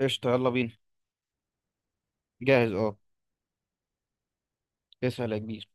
قشطة، يلا بينا. جاهز، اه. اسأل يا كبير.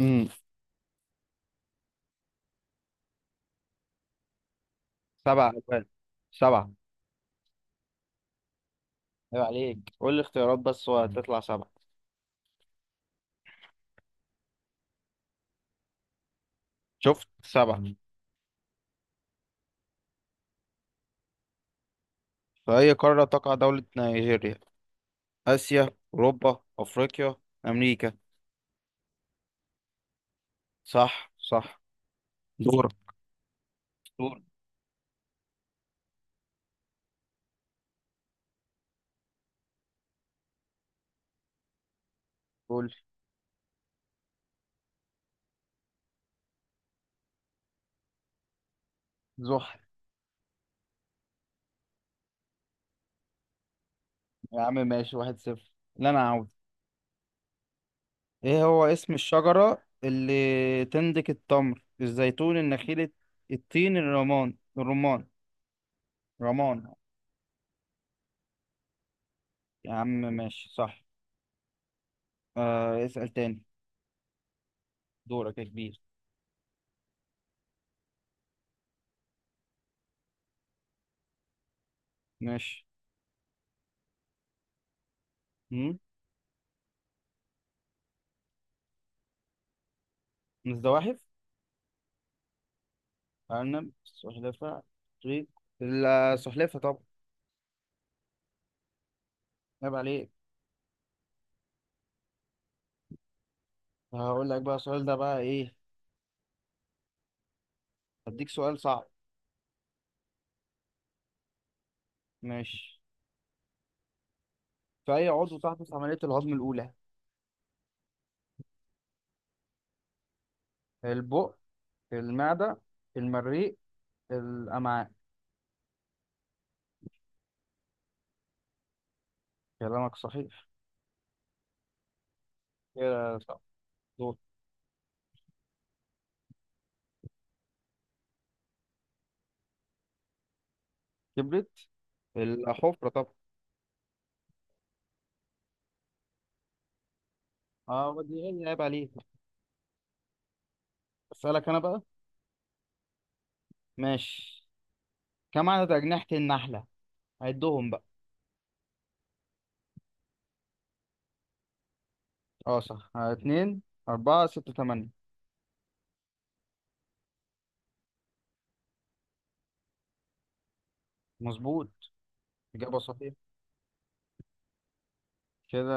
امم سبع أجوال سبعة. عيب عليك، قول لي اختيارات بس وهتطلع سبعة. شفت؟ سبعة. في أي قارة تقع دولة نيجيريا؟ آسيا، أوروبا، أفريقيا، أمريكا. صح، صح. دور. دور. قول. زحل. يا عم ماشي، 1-0. لا أنا عاوز. إيه هو اسم الشجرة اللي تنتج التمر، الزيتون، النخيل، التين، الرمان. رمان. يا عم ماشي، صح. اسأل تاني. دورك يا كبير. ماشي. مم. الزواحف؟ أرنب، سلحفاة، طريق. السلحفاة طبعا. عيب عليك. هقول لك بقى السؤال ده بقى إيه. هديك سؤال صعب. ماشي. في أي عضو تحدث عملية الهضم الأولى؟ البق، المعدة، المريء، الأمعاء. كلامك صحيح. كده صح. دور. كبرت؟ الحفرة طبعا. اه دي عيب عليك. أسألك أنا بقى. ماشي. كم عدد أجنحة النحلة؟ عدهم بقى. اه صح. اتنين، أربعة، ستة، تمانية. مظبوط. إجابة صحيحة. كده.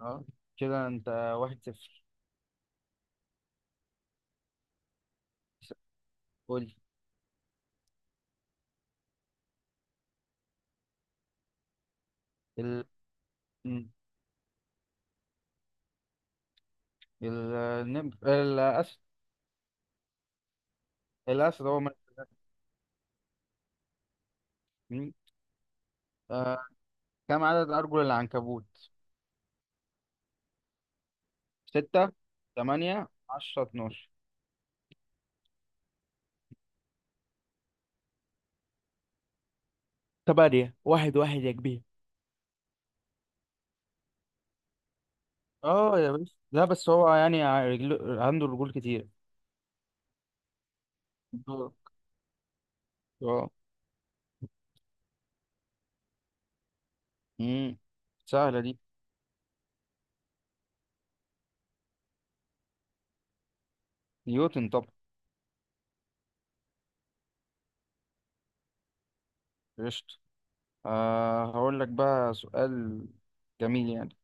اه، كده أنت 1-0. قول. ال مم. ال- النمر، الأسد. الأسد هو ملك. مين؟ آه. كم عدد أرجل العنكبوت؟ ستة، تمانية، 10، 12. تمانية. 1-1 يا كبير. اه يا باشا، لا بس هو يعني رجله، عنده رجول كتير. دورك. اه. مم. سهلة دي. نيوتن طبعا. قشطة. هقول لك بقى سؤال جميل يعني.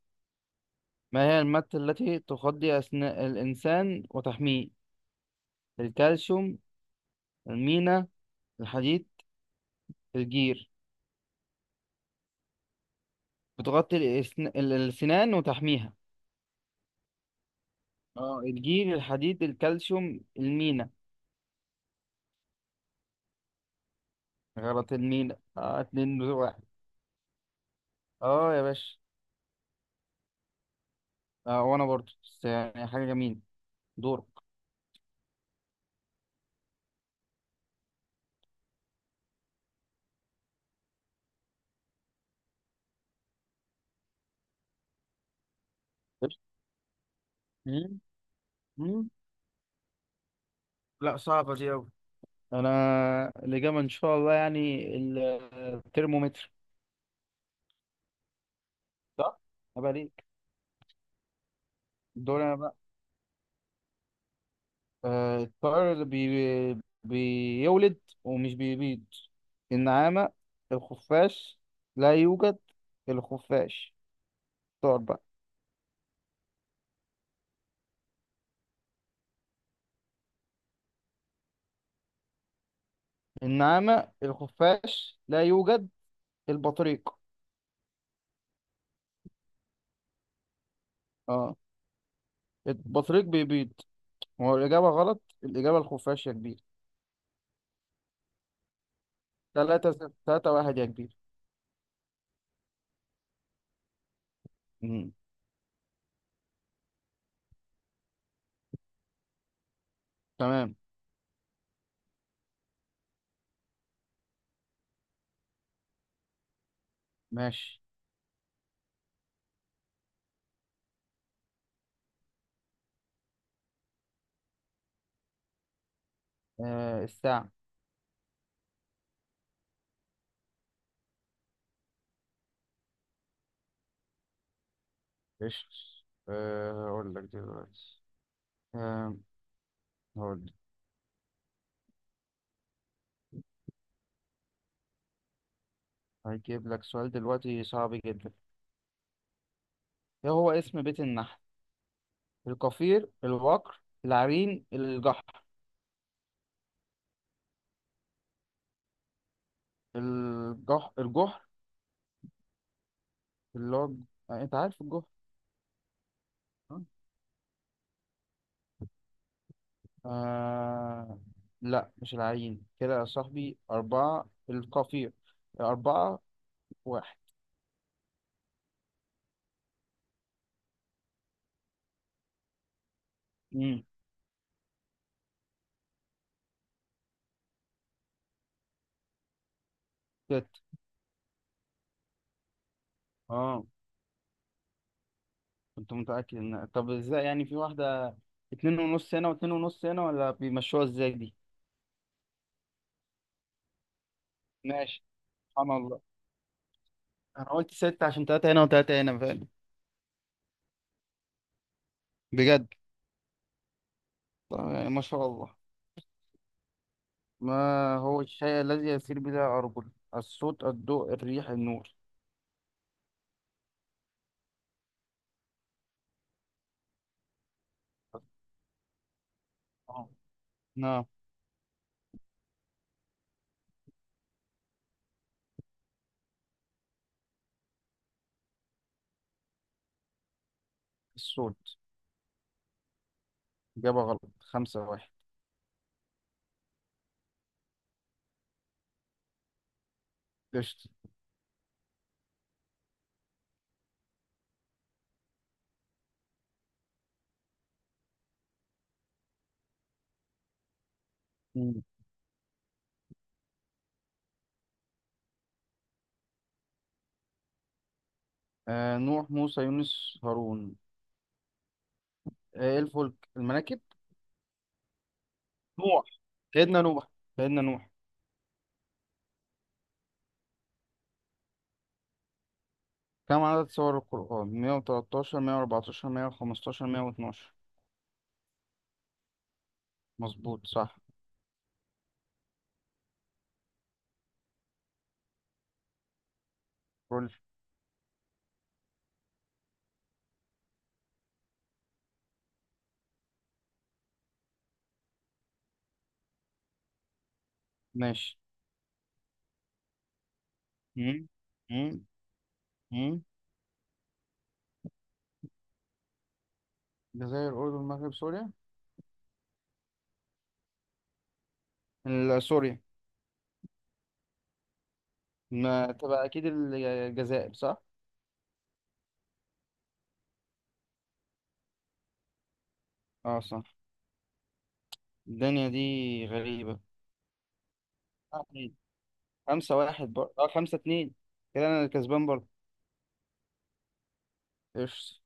ما هي المادة التي تغذي أثناء الإنسان وتحميه؟ الكالسيوم، المينا، الحديد، الجير. بتغطي الأسنان وتحميها. اه، الجير، الحديد، الكالسيوم، المينا. غلط، المينا. اه، اتنين بتوع واحد. اه يا باشا. اه وأنا برضه، بس يعني حاجة جميلة. دورك. مم. مم. لا صعبة دي أوي. أنا الإجابة إن شاء الله يعني الترمومتر. صح؟ أبقى ليك. الدور أنا بقى. الطائر اللي بيولد ومش بيبيض. النعامة، الخفاش، لا يوجد، الخفاش. طائر بقى. النعامة، الخفاش، لا يوجد، البطريق. اه. البطريق بيبيض. هو الإجابة غلط. الإجابة الخفاش يا كبير. 3-0، 3-1 يا كبير. مم. تمام، ماشي. الساعة. قشطة. أقول لك دلوقتي. آه، هقول هجيب لك سؤال دلوقتي صعب جدا. ايه هو اسم بيت النحل؟ القفير، الوقر، العرين، الجحر. الجحر اللي هو. انت عارف الجحر. آه. آه... لا مش العرين كده يا صاحبي. أربعة، القفير. 4-1. امم ست. اه، كنت متأكد ان، طب ازاي يعني؟ في واحدة، اتنين ونص هنا واتنين ونص هنا، ولا بيمشوها ازاي دي؟ ماشي. سبحان الله. انا قلت ستة عشان تلاتة هنا وتلاتة هنا فعلا. بجد. طبعاً يعني ما شاء الله. ما هو الشيء الذي يسير بلا أرجل؟ الصوت، الضوء، الريح، النور. آه. نعم. الصوت. إجابة غلط. 5-1. قشطة. مم. نوح، موسى، يونس، هارون. إيه الفلك؟ المراكب؟ نوح. سيدنا نوح. سيدنا نوح. كم عدد سور القرآن؟ 113، 114، 115، 112. مظبوط، صح. كل ماشي. مم. مم. مم. الجزائر، الأردن، المغرب، سوريا. سوريا. ما تبقى اكيد الجزائر. صح؟ اه صح. الدنيا دي غريبة. اتنين. خمسة واحد برضه، اه 5-2. كده انا الكسبان برضه. قشطة.